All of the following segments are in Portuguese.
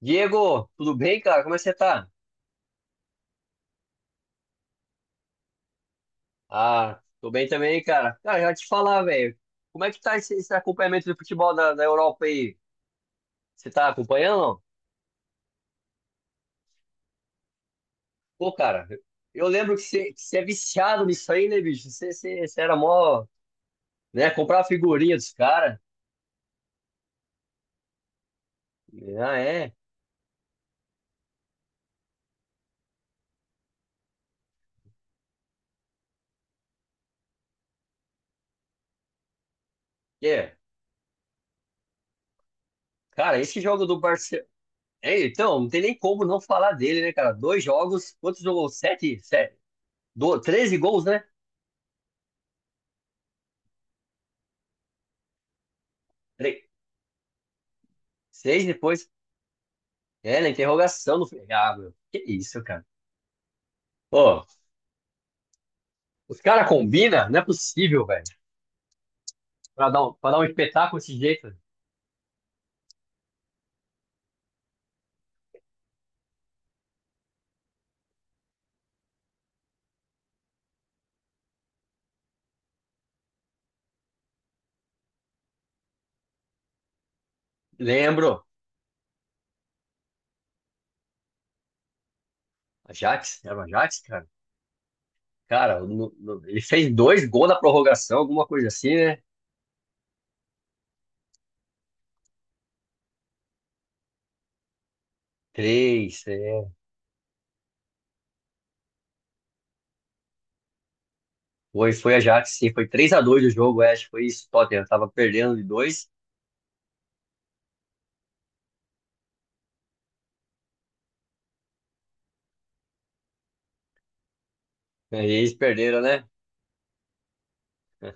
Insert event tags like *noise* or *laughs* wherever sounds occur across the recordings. Diego, tudo bem, cara? Como é que você tá? Ah, tô bem também, cara. Cara, já te falar, velho. Como é que tá esse acompanhamento do futebol da Europa aí? Você tá acompanhando? Não? Pô, cara, eu lembro que você é viciado nisso aí, né, bicho? Você era mó, né? Comprava figurinha dos caras. Ah, é? É. Cara, esse jogo do Barcelona. É, então, não tem nem como não falar dele, né, cara? Dois jogos, quantos jogos? Sete? Sete? Do... Treze gols, né? Tre... Seis depois. É, na interrogação do filme. Ah, meu. Que isso, cara. Pô, os caras combinam? Não é possível, velho. Pra dar um espetáculo desse jeito. Lembro. Ajax? Era o Ajax, cara? Cara, ele fez dois gols na prorrogação, alguma coisa assim, né? Três, é. Foi Ajax, sim. Foi três a dois o jogo, é, acho que foi isso. Tottenham tava perdendo de dois. Aí eles perderam, né? É.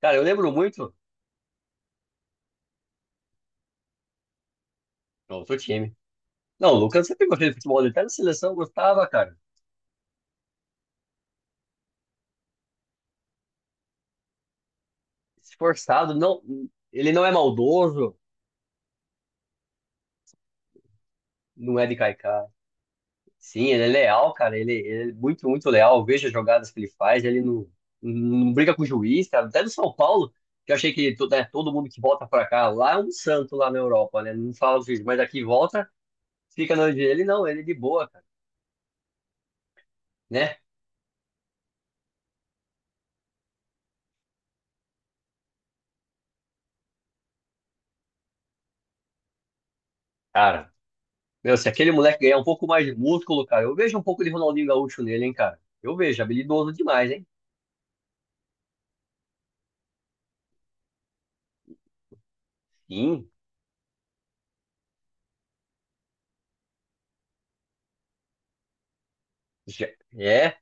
Cara, eu lembro muito. Outro time. Não, o Lucas sempre gostei de futebol. Ele até na seleção eu gostava, cara. Esforçado, não... Ele não é maldoso. Não é de Kaiká. Sim, ele é leal, cara. Ele é muito, muito leal. Eu vejo as jogadas que ele faz. Ele não, não briga com o juiz, cara. Até do São Paulo, que eu achei que né, todo mundo que volta pra cá, lá é um santo lá na Europa, né? Não fala o juiz, mas aqui volta, fica na onde ele. Não, ele é de boa, cara. Né? Cara, meu, se aquele moleque ganhar um pouco mais de músculo, cara, eu vejo um pouco de Ronaldinho Gaúcho nele, hein, cara. Eu vejo, habilidoso demais, hein? Sim. já- É.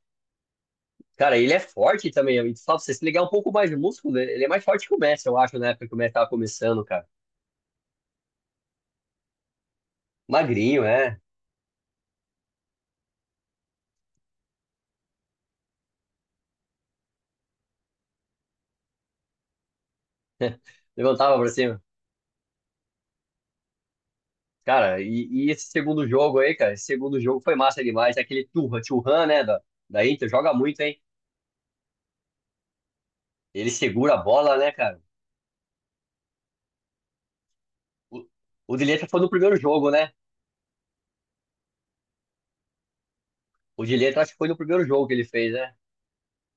Cara, ele é forte também, amigo. Só pra você se ligar um pouco mais de músculo, ele é mais forte que o Messi, eu acho, na época que o Messi tava começando, cara. Magrinho, é. *laughs* Levantava pra cima. Cara, e esse segundo jogo aí, cara, esse segundo jogo foi massa demais. Aquele Turra, Turran, né, da Inter, joga muito, hein? Ele segura a bola, né, cara? O, o De Ligt foi no primeiro jogo, né? O De Ligt, acho que foi no primeiro jogo que ele fez, né?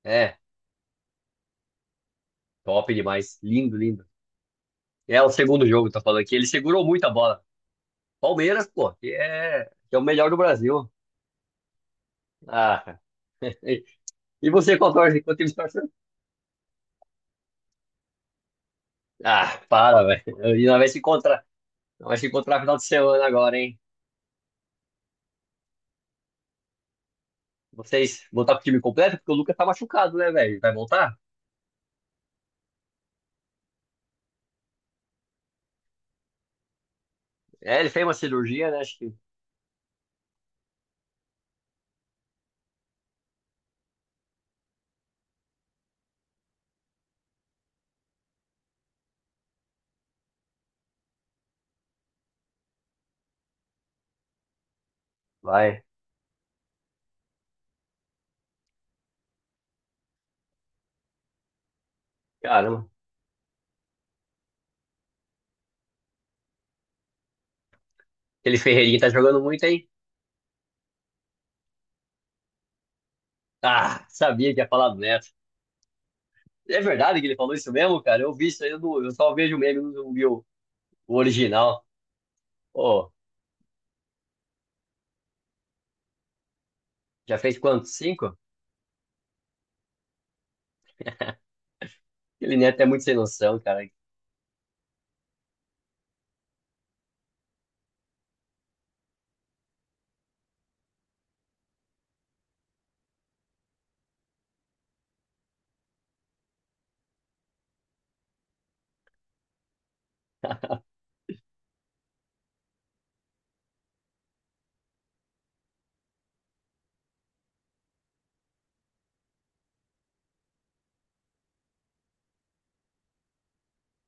É, top demais. Lindo, lindo. É o segundo jogo, tá falando aqui. Ele segurou muito a bola. Palmeiras, pô, que é o melhor do Brasil. Ah, cara. *laughs* E e você qual torce? Qual time você torce? Ah, para, velho. E nós vai se encontrar. Nós vai se encontrar no final de semana agora, hein? Vocês voltar pro time completo? Porque o Lucas tá machucado, né, velho? Vai voltar? É, ele fez uma cirurgia, né? Acho que vai. Caramba. Aquele Ferreirinho tá jogando muito, hein? Ah, sabia que ia falar do Neto. É verdade que ele falou isso mesmo, cara? Eu vi isso aí, eu, não- eu só vejo o meme, eu não vi o original. Pô, já fez quanto? Cinco? *laughs* Aquele Neto é muito sem noção, cara. *laughs*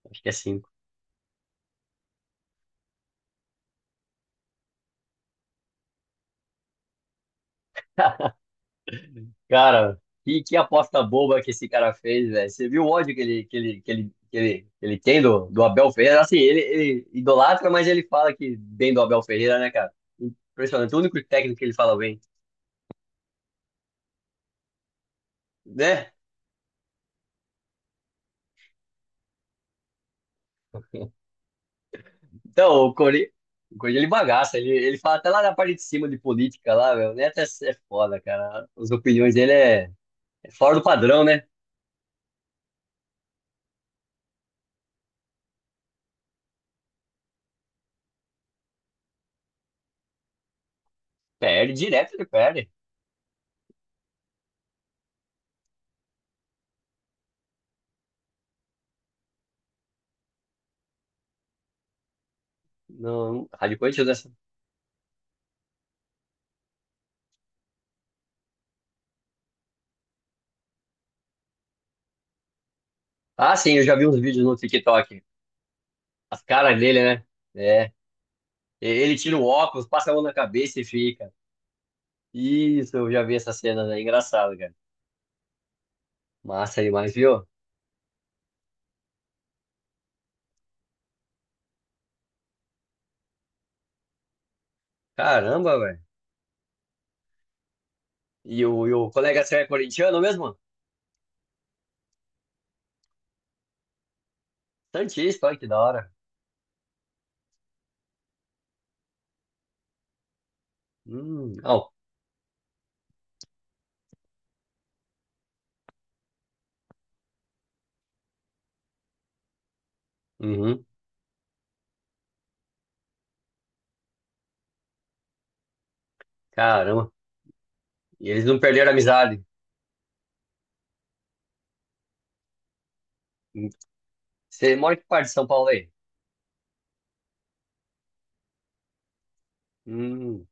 Acho que é cinco. *laughs* Cara, que aposta boba que esse cara fez, velho. Você viu o ódio que ele, que ele, que ele, que ele, que ele tem do Abel Ferreira? Assim, ele idolatra, mas ele fala que bem do Abel Ferreira, né, cara? Impressionante. O único técnico que ele fala bem, né? Então, o Corinthians, ele bagaça. Ele fala até lá na parte de cima de política lá, velho. O Neto é, é foda, cara. As opiniões dele é, é fora do padrão, né? Perde, direto ele perde. Não, Rádio Corinthians. Ah, sim, eu já vi uns vídeos no TikTok. As caras dele, né? É, ele tira o óculos, passa a mão na cabeça e fica. Isso, eu já vi essa cena, né? Engraçado, cara. Massa demais, viu? Caramba, velho. E o colega seu é corintiano mesmo? Santista, olha que da hora. Ó. Uhum. Caramba. E eles não perderam a amizade. Hum. Você mora em que parte de São Paulo aí? Hum.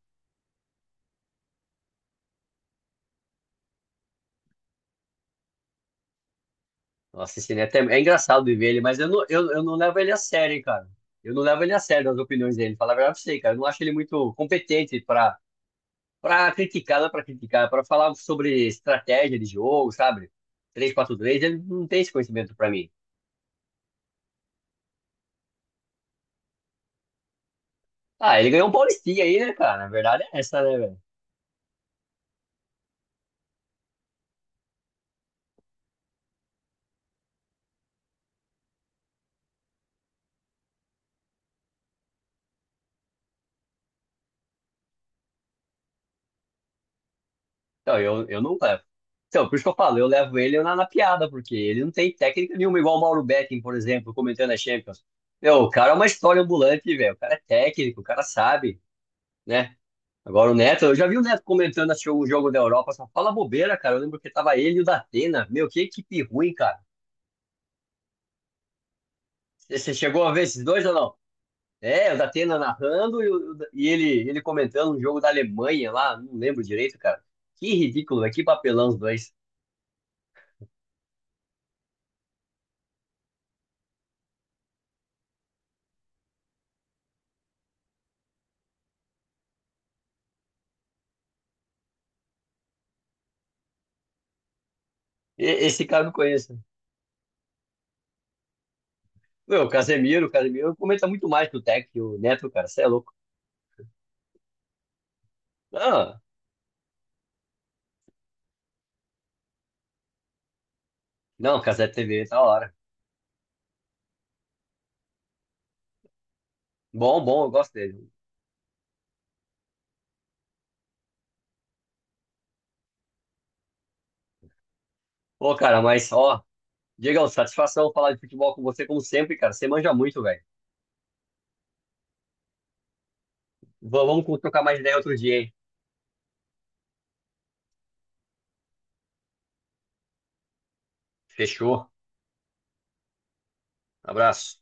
Nossa, esse neto é, é engraçado de ver ele, mas eu não levo ele a sério, hein, cara. Eu não levo ele a sério nas opiniões dele. Falar a verdade pra você, cara. Eu não acho ele muito competente pra para criticar, não é para criticar, para falar sobre estratégia de jogo, sabe? Três quatro três, ele não tem esse conhecimento pra mim. Ah, ele ganhou um Paulistinha aí, né, cara? Na verdade é essa, né, velho? Então, eu não levo. Então, por isso que eu falo, eu levo ele na piada, porque ele não tem técnica nenhuma, igual o Mauro Betting, por exemplo, comentando a Champions. Meu, o cara é uma história ambulante, velho. O cara é técnico, o cara sabe, né? Agora o Neto, eu já vi o Neto comentando assim, o jogo da Europa, só fala bobeira, cara. Eu lembro que tava ele e o Datena. Meu, que equipe ruim, cara. Você chegou a ver esses dois ou não? É, o Datena narrando e ele comentando um jogo da Alemanha lá, não lembro direito, cara. Que ridículo, velho, que papelão os dois. Esse cara eu não conheço. Meu, o Casemiro comenta muito mais que o Tec e o Neto, cara, você é louco. Ah, não, o Casé TV, tá hora. Bom, bom, eu gosto dele. Pô, cara, mas ó, Diegão, satisfação falar de futebol com você, como sempre, cara. Você manja muito, velho. Vamos trocar mais ideia outro dia, hein? Fechou. Abraço.